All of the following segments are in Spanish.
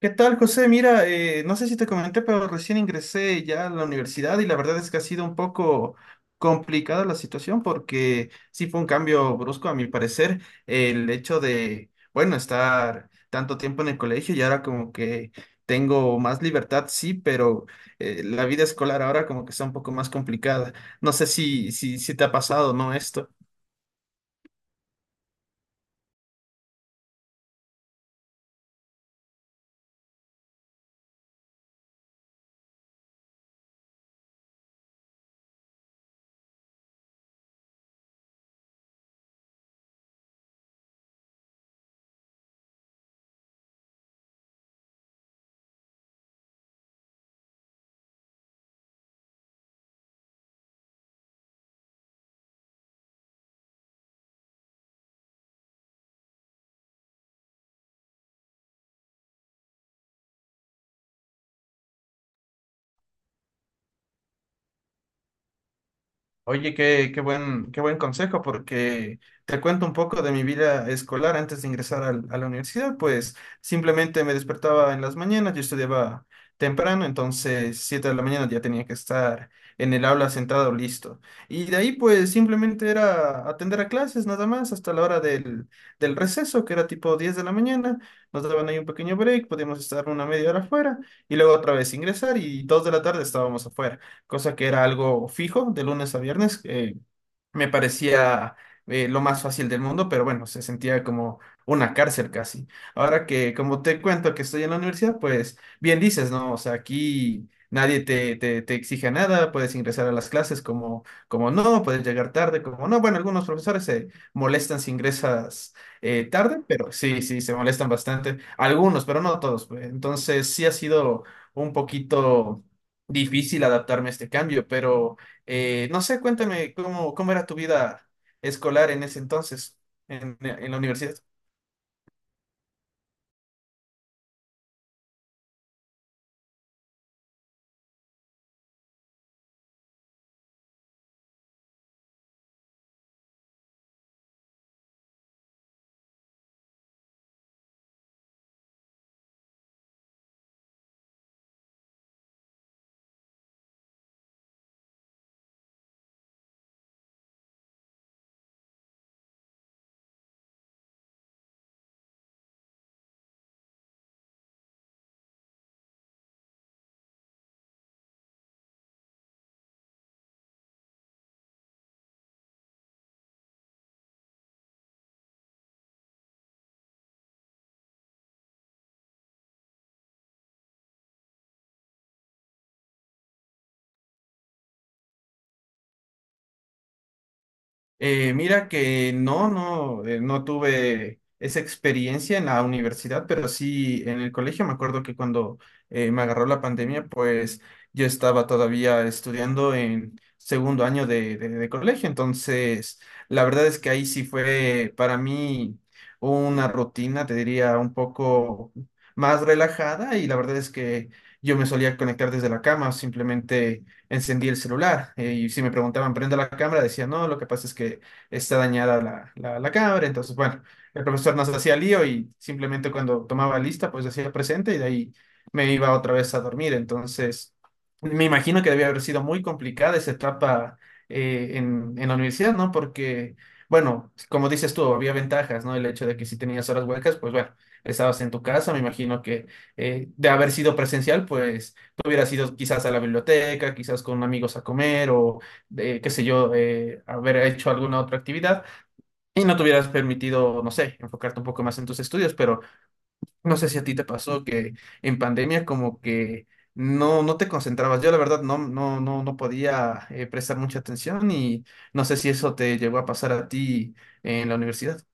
¿Qué tal, José? Mira, no sé si te comenté, pero recién ingresé ya a la universidad y la verdad es que ha sido un poco complicada la situación porque sí fue un cambio brusco, a mi parecer, el hecho de, bueno, estar tanto tiempo en el colegio y ahora como que tengo más libertad, sí, pero la vida escolar ahora como que está un poco más complicada. No sé si te ha pasado, ¿no? Esto. Oye, qué buen consejo, porque te cuento un poco de mi vida escolar antes de ingresar a la universidad, pues simplemente me despertaba en las mañanas, yo estudiaba temprano, entonces 7 de la mañana ya tenía que estar en el aula sentado listo. Y de ahí pues simplemente era atender a clases nada más hasta la hora del receso, que era tipo 10 de la mañana, nos daban ahí un pequeño break, podíamos estar una media hora afuera y luego otra vez ingresar y 2 de la tarde estábamos afuera, cosa que era algo fijo de lunes a viernes. Me parecía lo más fácil del mundo, pero bueno, se sentía como una cárcel casi. Ahora que, como te cuento que estoy en la universidad, pues bien dices, ¿no? O sea, aquí nadie te exige nada, puedes ingresar a las clases como, como no, puedes llegar tarde, como no. Bueno, algunos profesores se molestan si ingresas tarde, pero sí, sí, se molestan bastante. Algunos, pero no todos, pues. Entonces, sí ha sido un poquito difícil adaptarme a este cambio, pero... no sé, cuéntame cómo, cómo era tu vida escolar en ese entonces, en la universidad. Mira que no tuve esa experiencia en la universidad, pero sí en el colegio. Me acuerdo que cuando me agarró la pandemia, pues yo estaba todavía estudiando en segundo año de colegio. Entonces, la verdad es que ahí sí fue para mí una rutina, te diría, un poco más relajada y la verdad es que yo me solía conectar desde la cama, simplemente encendí el celular. Y si me preguntaban, ¿prende la cámara? Decía, no, lo que pasa es que está dañada la cámara. Entonces, bueno, el profesor nos hacía lío y simplemente cuando tomaba lista, pues hacía presente y de ahí me iba otra vez a dormir. Entonces, me imagino que debía haber sido muy complicada esa etapa en la universidad, ¿no? Porque, bueno, como dices tú, había ventajas, ¿no? El hecho de que si tenías horas huecas, pues bueno, estabas en tu casa, me imagino que de haber sido presencial, pues hubiera sido quizás a la biblioteca, quizás con amigos a comer o, de, qué sé yo, haber hecho alguna otra actividad y no te hubieras permitido, no sé, enfocarte un poco más en tus estudios, pero no sé si a ti te pasó que en pandemia como que no, no te concentrabas. Yo la verdad no podía prestar mucha atención y no sé si eso te llegó a pasar a ti en la universidad.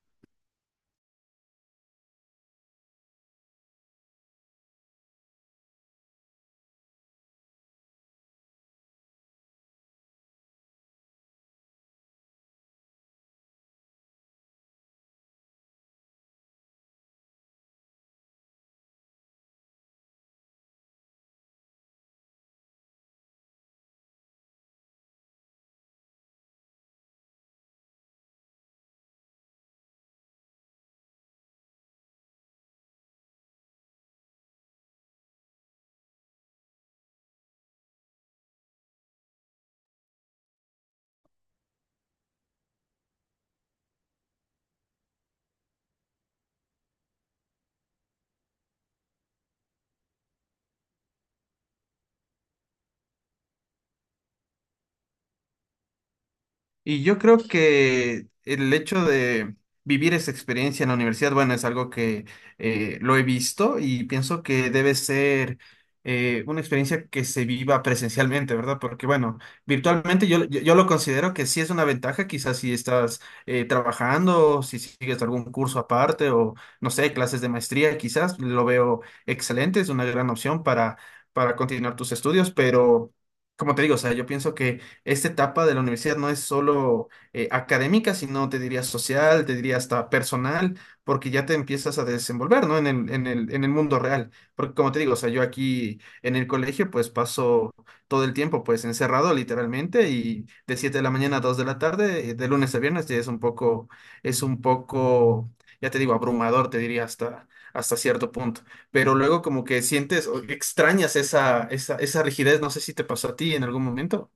Y yo creo que el hecho de vivir esa experiencia en la universidad, bueno, es algo que lo he visto y pienso que debe ser una experiencia que se viva presencialmente, ¿verdad? Porque, bueno, virtualmente yo lo considero que sí es una ventaja, quizás si estás trabajando, si sigues algún curso aparte o, no sé, clases de maestría, quizás lo veo excelente, es una gran opción para continuar tus estudios, pero, como te digo, o sea, yo pienso que esta etapa de la universidad no es solo académica, sino te diría social, te diría hasta personal, porque ya te empiezas a desenvolver, ¿no? En el mundo real. Porque como te digo, o sea, yo aquí en el colegio pues paso todo el tiempo pues encerrado literalmente y de 7 de la mañana a 2 de la tarde, de lunes a viernes, ya es un poco, ya te digo, abrumador, te diría hasta, hasta cierto punto. Pero luego como que sientes o extrañas esa rigidez, no sé si te pasó a ti en algún momento.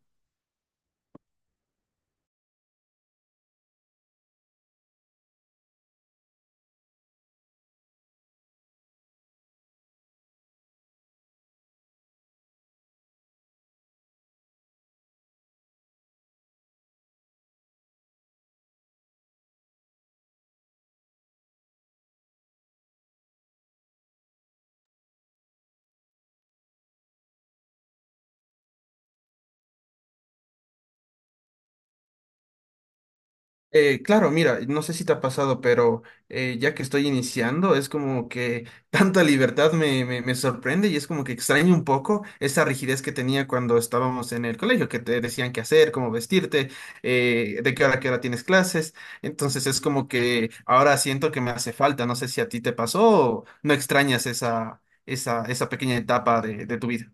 Claro, mira, no sé si te ha pasado, pero ya que estoy iniciando, es como que tanta libertad me sorprende y es como que extraño un poco esa rigidez que tenía cuando estábamos en el colegio, que te decían qué hacer, cómo vestirte, de qué hora a qué hora tienes clases. Entonces es como que ahora siento que me hace falta. No sé si a ti te pasó o no extrañas esa pequeña etapa de tu vida.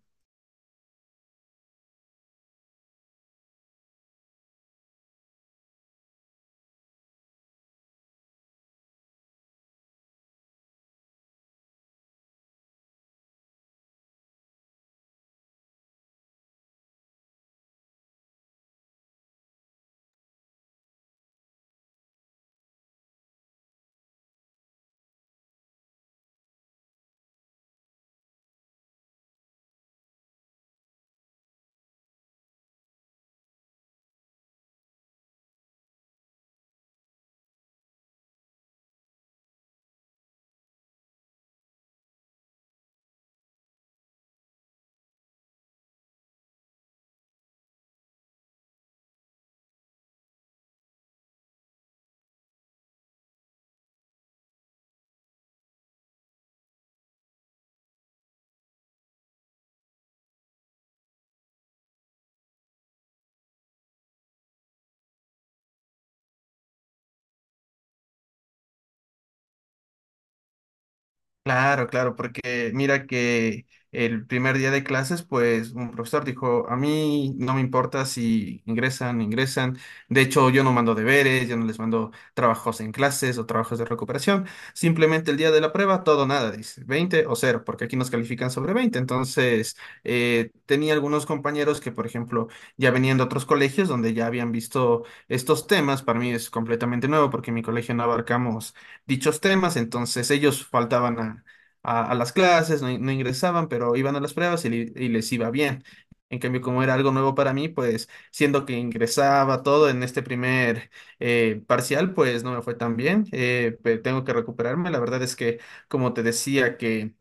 Claro, claro, porque mira que el primer día de clases, pues un profesor dijo, a mí no me importa si ingresan, ingresan. De hecho, yo no mando deberes, yo no les mando trabajos en clases o trabajos de recuperación. Simplemente el día de la prueba, todo o nada, dice, 20 o cero, porque aquí nos califican sobre 20. Entonces, tenía algunos compañeros que, por ejemplo, ya venían de otros colegios donde ya habían visto estos temas. Para mí es completamente nuevo porque en mi colegio no abarcamos dichos temas, entonces ellos faltaban a las clases, no, no ingresaban, pero iban a las pruebas y les iba bien. En cambio, como era algo nuevo para mí, pues siendo que ingresaba todo en este primer parcial, pues no me fue tan bien. Tengo que recuperarme. La verdad es que, como te decía, que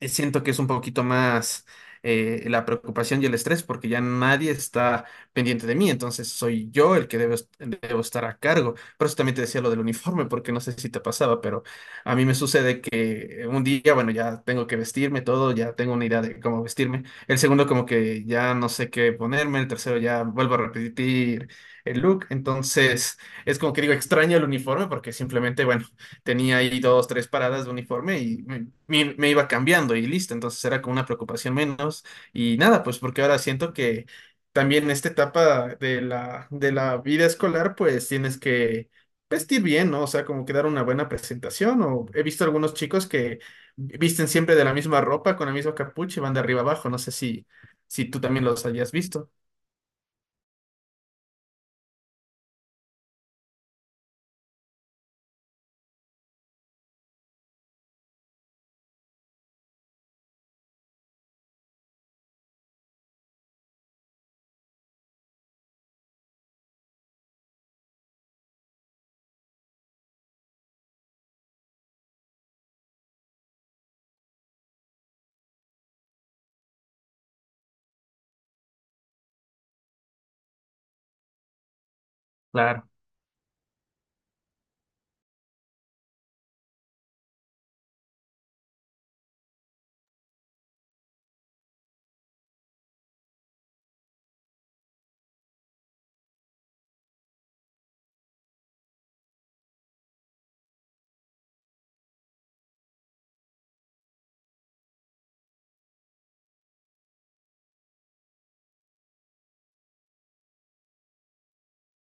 siento que es un poquito más la preocupación y el estrés porque ya nadie está pendiente de mí, entonces soy yo el que debo estar a cargo. Por eso también te decía lo del uniforme, porque no sé si te pasaba, pero a mí me sucede que un día, bueno, ya tengo que vestirme todo, ya tengo una idea de cómo vestirme. El segundo como que ya no sé qué ponerme, el tercero ya vuelvo a repetir el look, entonces es como que digo, extraño el uniforme porque simplemente, bueno, tenía ahí dos, tres paradas de uniforme y me iba cambiando y listo. Entonces era como una preocupación menos. Y nada, pues porque ahora siento que también en esta etapa de la vida escolar, pues tienes que vestir bien, ¿no? O sea, como que dar una buena presentación. O he visto algunos chicos que visten siempre de la misma ropa, con la misma capucha y van de arriba abajo. No sé si, si tú también los hayas visto. Claro.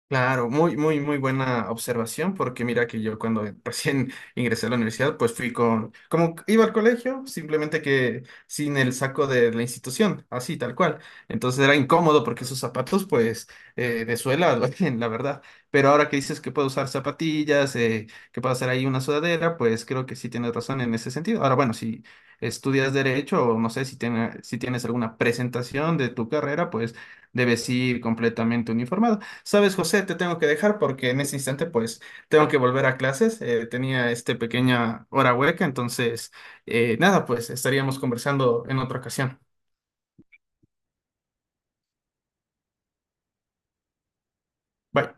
Claro, muy, muy, muy buena observación, porque mira que yo cuando recién ingresé a la universidad, pues fui con, como iba al colegio, simplemente que sin el saco de la institución, así tal cual. Entonces era incómodo porque esos zapatos, pues, de suela, duelen, la verdad. Pero ahora que dices que puedo usar zapatillas, que puedo hacer ahí una sudadera, pues creo que sí tienes razón en ese sentido. Ahora, bueno, si estudias derecho o no sé si, si tienes alguna presentación de tu carrera, pues debes ir completamente uniformado. Sabes, José, te tengo que dejar porque en ese instante pues tengo que volver a clases. Tenía este pequeña hora hueca, entonces nada, pues estaríamos conversando en otra ocasión. Bye.